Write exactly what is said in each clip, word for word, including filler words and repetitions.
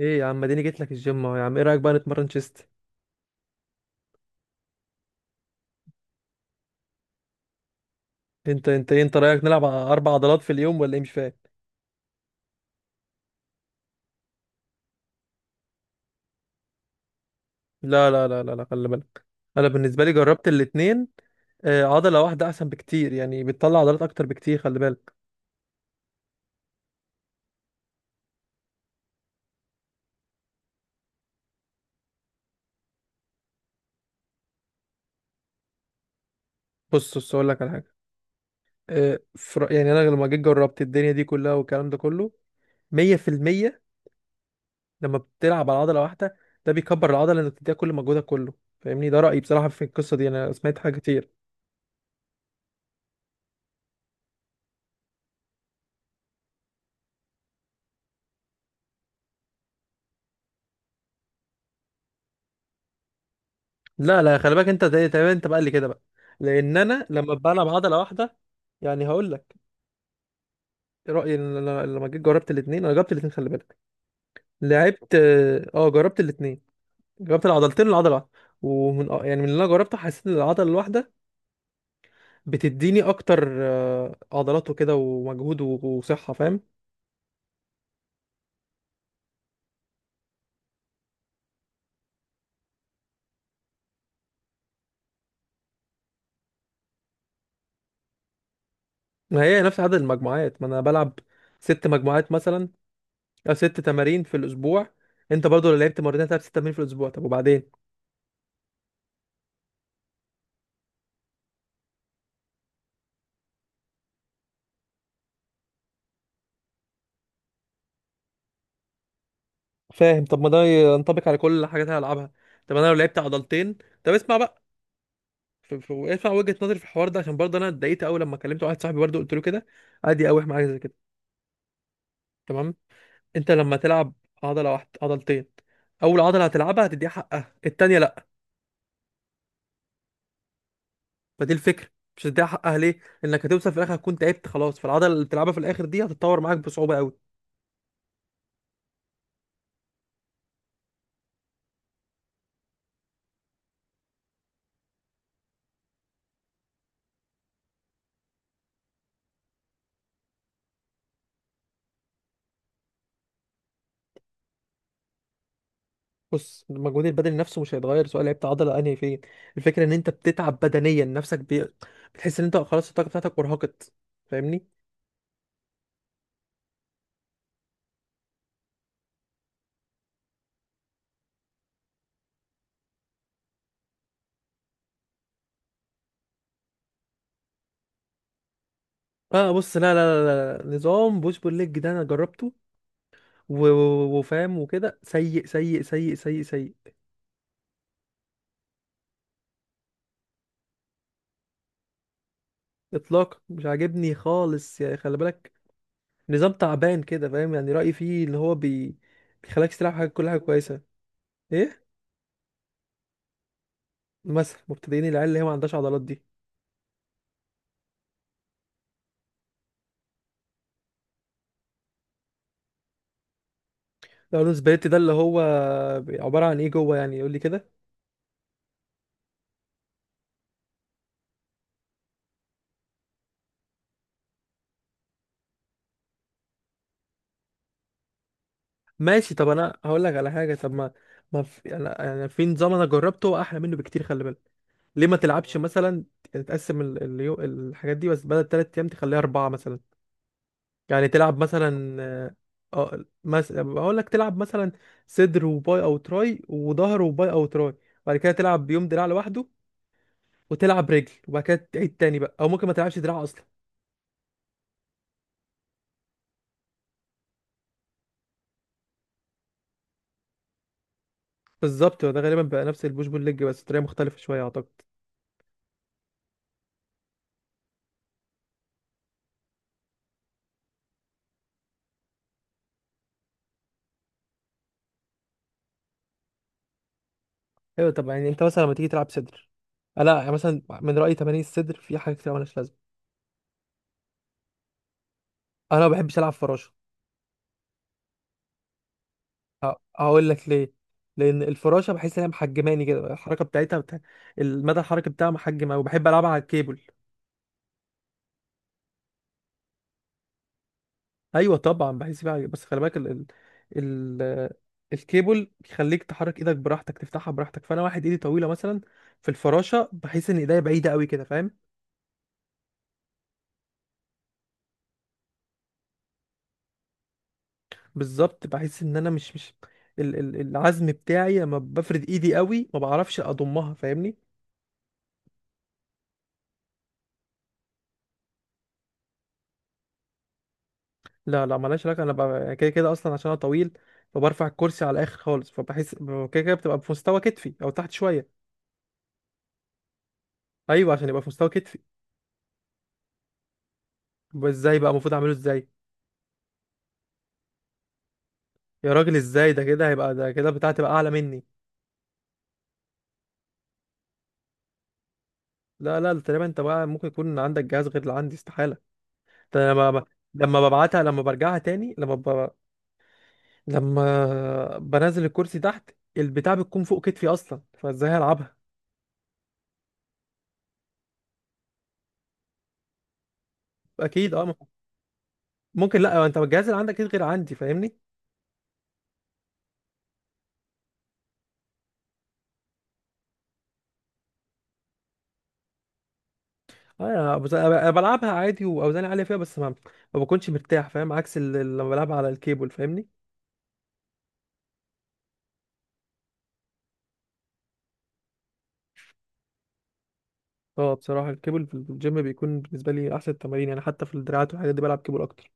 ايه يا عم، اديني جيت لك الجيم اهو يا عم، ايه رايك بقى نتمرن تشيست؟ انت انت إيه، انت رايك نلعب ع- اربع عضلات في اليوم ولا ايه؟ مش فاهم. لا لا لا لا لا، خلي بالك. انا بالنسبه لي جربت الاتنين. آه، عضله واحده احسن بكتير، يعني بتطلع عضلات اكتر بكتير، خلي بالك. بص بص، اقول لك على حاجه. آه، في رأ- يعني انا لما جيت جربت الدنيا دي كلها والكلام ده كله مية في المية. لما بتلعب على عضله واحده ده بيكبر العضله، انك تديها كل مجهودك كله، فاهمني؟ ده رايي بصراحه في القصه دي، انا سمعت حاجه كتير. لا لا، خلي بالك، انت زي تمام، انت بقى اللي كده بقى، لان انا لما بلعب عضله واحده، يعني هقول لك رايي. ان انا لما جيت جربت الاثنين، انا جربت الاثنين، خلي بالك. لعبت اه آه، جربت الاثنين. جربت العضلتين والعضله واحده. ومن اه، يعني من اللي انا جربته حسيت ان العضله الواحده بتديني اكتر اه، عضلات وكده ومجهود و- وصحه، فاهم؟ ما هي نفس عدد المجموعات، ما انا بلعب ست مجموعات مثلا، او ست تمارين في الاسبوع. انت برضو لو لعبت مرتين هتلعب ست تمارين في الاسبوع، طب وبعدين؟ فاهم؟ طب ما ده ينطبق على كل الحاجات اللي هلعبها. طب انا لو لعبت عضلتين، طب اسمع بقى. ف- ف- اسمع وجهة نظري في الحوار ده، عشان برضه انا اتضايقت قوي لما كلمت واحد صاحبي برضه قلت له كده، عادي يقاوح معايا زي كده. تمام. انت لما تلعب عضله واحده عضلتين، اول عضله هتلعبها هتديها حقها، التانيه لا. فدي الفكره. مش هتديها حقها ليه؟ انك هتوصل في الاخر هتكون تعبت خلاص، فالعضله اللي بتلعبها في الاخر دي هتتطور معاك بصعوبه قوي. بص، المجهود البدني نفسه مش هيتغير سواء لعبت عضله انهي فين. الفكره ان انت بتتعب بدنيا نفسك، بي... بتحس ان انت خلاص الطاقه بتاعتك ارهقت، فاهمني؟ اه بص، لا لا لا، لا. نظام بوش بول ليج ده انا جربته و... و- وفاهم وكده، سيء سيء سيء سيء سيء. اطلاق مش عاجبني خالص، يعني خلي بالك. نظام تعبان كده، فاهم؟ يعني رايي فيه ان هو بي... بيخليك تلعب حاجه، كل حاجه كويسه. ايه مثلا؟ مبتدئين، العيال اللي هي ما عندهاش عضلات دي. لو سبريت ده اللي هو عباره عن ايه جوه؟ يعني يقول لي كده. ماشي، طب انا هقول لك على حاجه. طب ما، ما في انا، يعني في نظام انا جربته احلى منه بكتير، خلي بالك. ليه ما تلعبش مثلا؟ تقسم ال- اليو... الحاجات دي بس بدل تلات ايام تخليها اربعه مثلا. يعني تلعب مثلا، اه آه، مثلا بقول لك تلعب مثلا صدر وباي او تراي، وظهر وباي او تراي، وبعد كده تلعب يوم دراع لوحده، وتلعب رجل، وبعد كده تعيد تاني بقى، او ممكن ما تلعبش دراع اصلا. بالظبط، ده غالبا بقى نفس البوش بول ليج بس طريقه مختلفه شويه اعتقد. ايوه. طب يعني انت مثلا لما تيجي تلعب صدر، لا يعني مثلا من رايي تمارين الصدر في حاجات كتير مالهاش لازمه. انا ما بحبش العب فراشه. ه- هقول لك ليه. لان الفراشه بحس انها محجماني كده، الحركه بتاعتها بتاع... المدى الحركي بتاعها محجم أوي، بحب العبها على الكيبل. ايوه طبعا بحس بيها، بس خلي بالك، ال... ال... ال... الكيبل بيخليك تحرك ايدك براحتك، تفتحها براحتك، فانا واحد ايدي طويله مثلا، في الفراشه بحس ان ايديا بعيده قوي كده، فاهم؟ بالظبط. بحس ان انا مش مش ال ال العزم بتاعي لما بفرد ايدي قوي ما بعرفش اضمها، فاهمني؟ لا لا، ملهاش علاقه، انا ببقى كده كده اصلا عشان انا طويل، فبرفع الكرسي على الاخر خالص، فبحس ب- كده كده بتبقى في مستوى كتفي او تحت شويه. ايوه، عشان يبقى في مستوى كتفي. يبقى ازاي بقى المفروض اعمله؟ ازاي؟ يا راجل ازاي؟ ده كده هيبقى، ده كده بتاعتي تبقى اعلى مني. لا لا، تقريبا انت بقى ممكن يكون عندك جهاز غير اللي عندي، استحاله. ده أنا لما، لما ببعتها، لما برجعها تاني، لما لما بنزل الكرسي تحت، البتاع بتكون فوق كتفي اصلا، فازاي هلعبها؟ اكيد اه. ممكن، لا انت الجهاز اللي عندك اكيد غير عندي، فاهمني؟ اه يعني انا بز- أنا بلعبها عادي واوزاني عاليه فيها، بس ما، ما بكونش مرتاح، فاهم؟ عكس ال- ال- لما بلعبها على الكيبل، فاهمني؟ اه بصراحه الكيبل في الجيم بيكون بالنسبه لي احسن التمارين، يعني حتى في الدراعات والحاجات دي بلعب كيبل اكتر.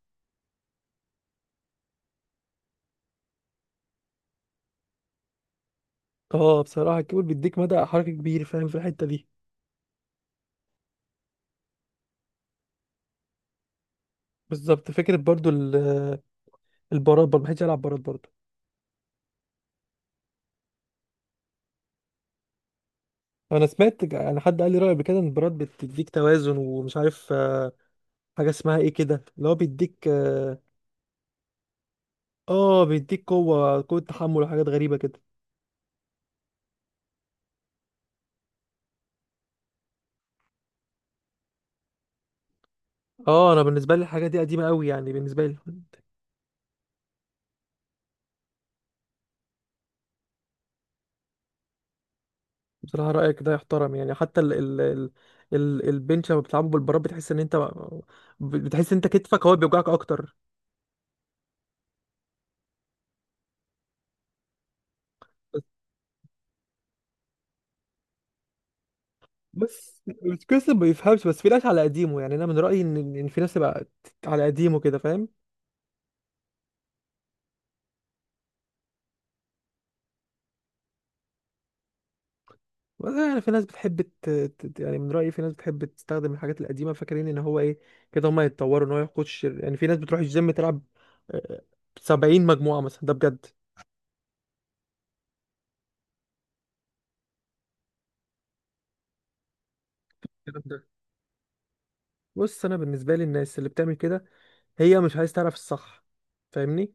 اه بصراحه الكيبل بيديك مدى حركه كبير، فاهم؟ في الحته دي بالظبط فكره. برضو ال- البارات برضو ما بحبش العب بارات برضو. انا سمعت، ك- انا حد قال لي راي قبل كده ان البراد بتديك توازن، ومش عارف آه، حاجه اسمها ايه كده، اللي هو بيديك اه، آه، بيديك قوه، قوه تحمل، وحاجات غريبه كده. اه انا بالنسبه لي الحاجه دي قديمه قوي، يعني بالنسبه لي. بصراحه رايك ده يحترم، يعني حتى ال ال ال ال البنش لما بتلعبه بالبراد بتحس ان انت، بتحس ان انت كتفك هو بيوجعك اكتر. بس بس القصة ما بيفهمش، بس في ناس على قديمه، يعني انا من رايي ان إن في ناس تبقى على قديمه كده، فاهم؟ والله، يعني في ناس بتحب ت... ت- يعني من رأيي في ناس بتحب تستخدم الحاجات القديمة، فاكرين ان هو ايه، كده هما يتطوروا، ان هو ياخد شر. يعني في ناس بتروح الجيم تلعب آه، سبعين مجموعة مثلا، ده بجد. الكلام ده، بص انا بالنسبة لي الناس اللي بتعمل كده هي مش عايز تعرف الصح، فاهمني؟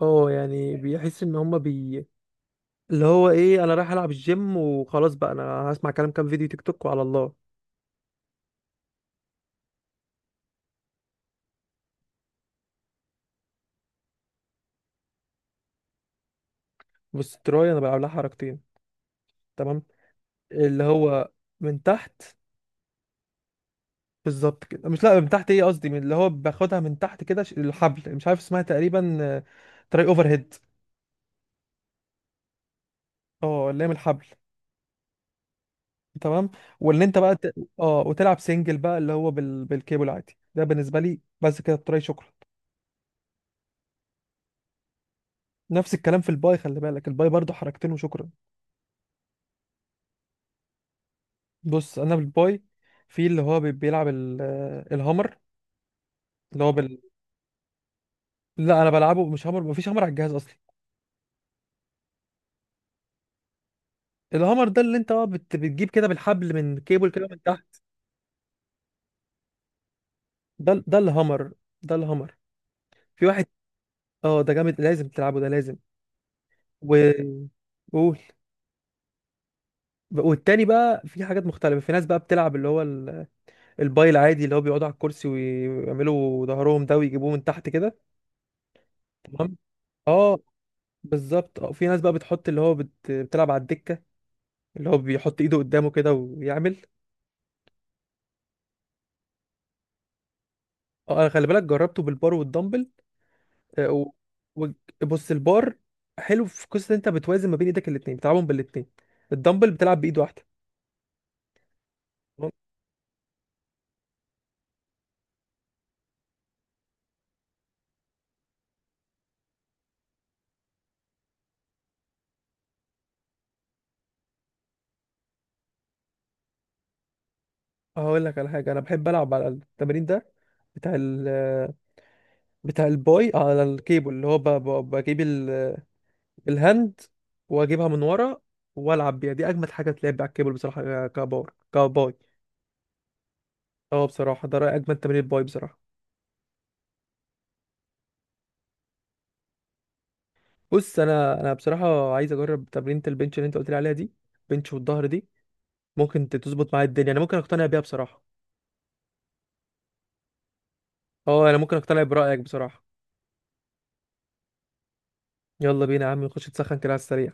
اه يعني بيحس ان هما بي اللي هو ايه، انا رايح العب الجيم وخلاص بقى، انا هسمع كلام كام فيديو تيك توك وعلى الله. بص، التراي انا بلعب لها حركتين. تمام. اللي هو من تحت. بالظبط كده، مش لا من تحت، ايه قصدي، من اللي هو باخدها من تحت كده، ش- الحبل مش عارف اسمها، تقريبا تراي اوفر هيد. اه اللي هي من الحبل. تمام. واللي انت بقى ت... اه وتلعب سنجل بقى، اللي هو بال... بالكيبل عادي، ده بالنسبه لي بس كده التراي، شكرا. نفس الكلام في الباي، خلي بالك، الباي برضو حركتين وشكرا. بص انا بالباي، في اللي هو بي- بيلعب ال... آه، الهامر، اللي هو بال... لا انا بلعبه مش هامر، مفيش هامر على الجهاز اصلا. الهامر ده اللي انت بقى بت... بتجيب كده بالحبل من كيبل كده من تحت. ده ده الهامر ده الهامر في واحد. اه ده جامد لازم تلعبه ده لازم. و، قول. والتاني بقى في حاجات مختلفة، في ناس بقى بتلعب اللي هو ال- الباي العادي، اللي هو بيقعدوا على الكرسي ويعملوا ظهرهم ده ويجيبوه من تحت كده. تمام. اه بالظبط. اه في ناس بقى بتحط اللي هو بت... بتلعب على الدكة، اللي هو بيحط ايده قدامه كده ويعمل. اه انا خلي بالك جربته بالبار والدمبل. اه، و... و... بص البار حلو في قصة إن انت بتوازن ما بين ايدك الاتنين، بتلعبهم بالاتنين. الدمبل بتلعب بايد واحدة. هقول لك على حاجه، انا بحب العب على التمرين ده بتاع ال، بتاع الباي على الكيبل، اللي هو ب- ب- بجيب ال- الهاند واجيبها من ورا والعب بيها، دي اجمد حاجه تلعب على الكيبل بصراحه، كبار كباي. اه بصراحه ده رأي اجمد تمرين باي بصراحه. بص انا، انا بصراحه عايز اجرب تمرينه البنش اللي انت قلت لي عليها دي، بنش والظهر دي، ممكن ت- تظبط معايا الدنيا، انا ممكن اقتنع بيها بصراحه. اه انا ممكن اقتنع برأيك بصراحه. يلا بينا يا عم نخش نسخن كده على السريع.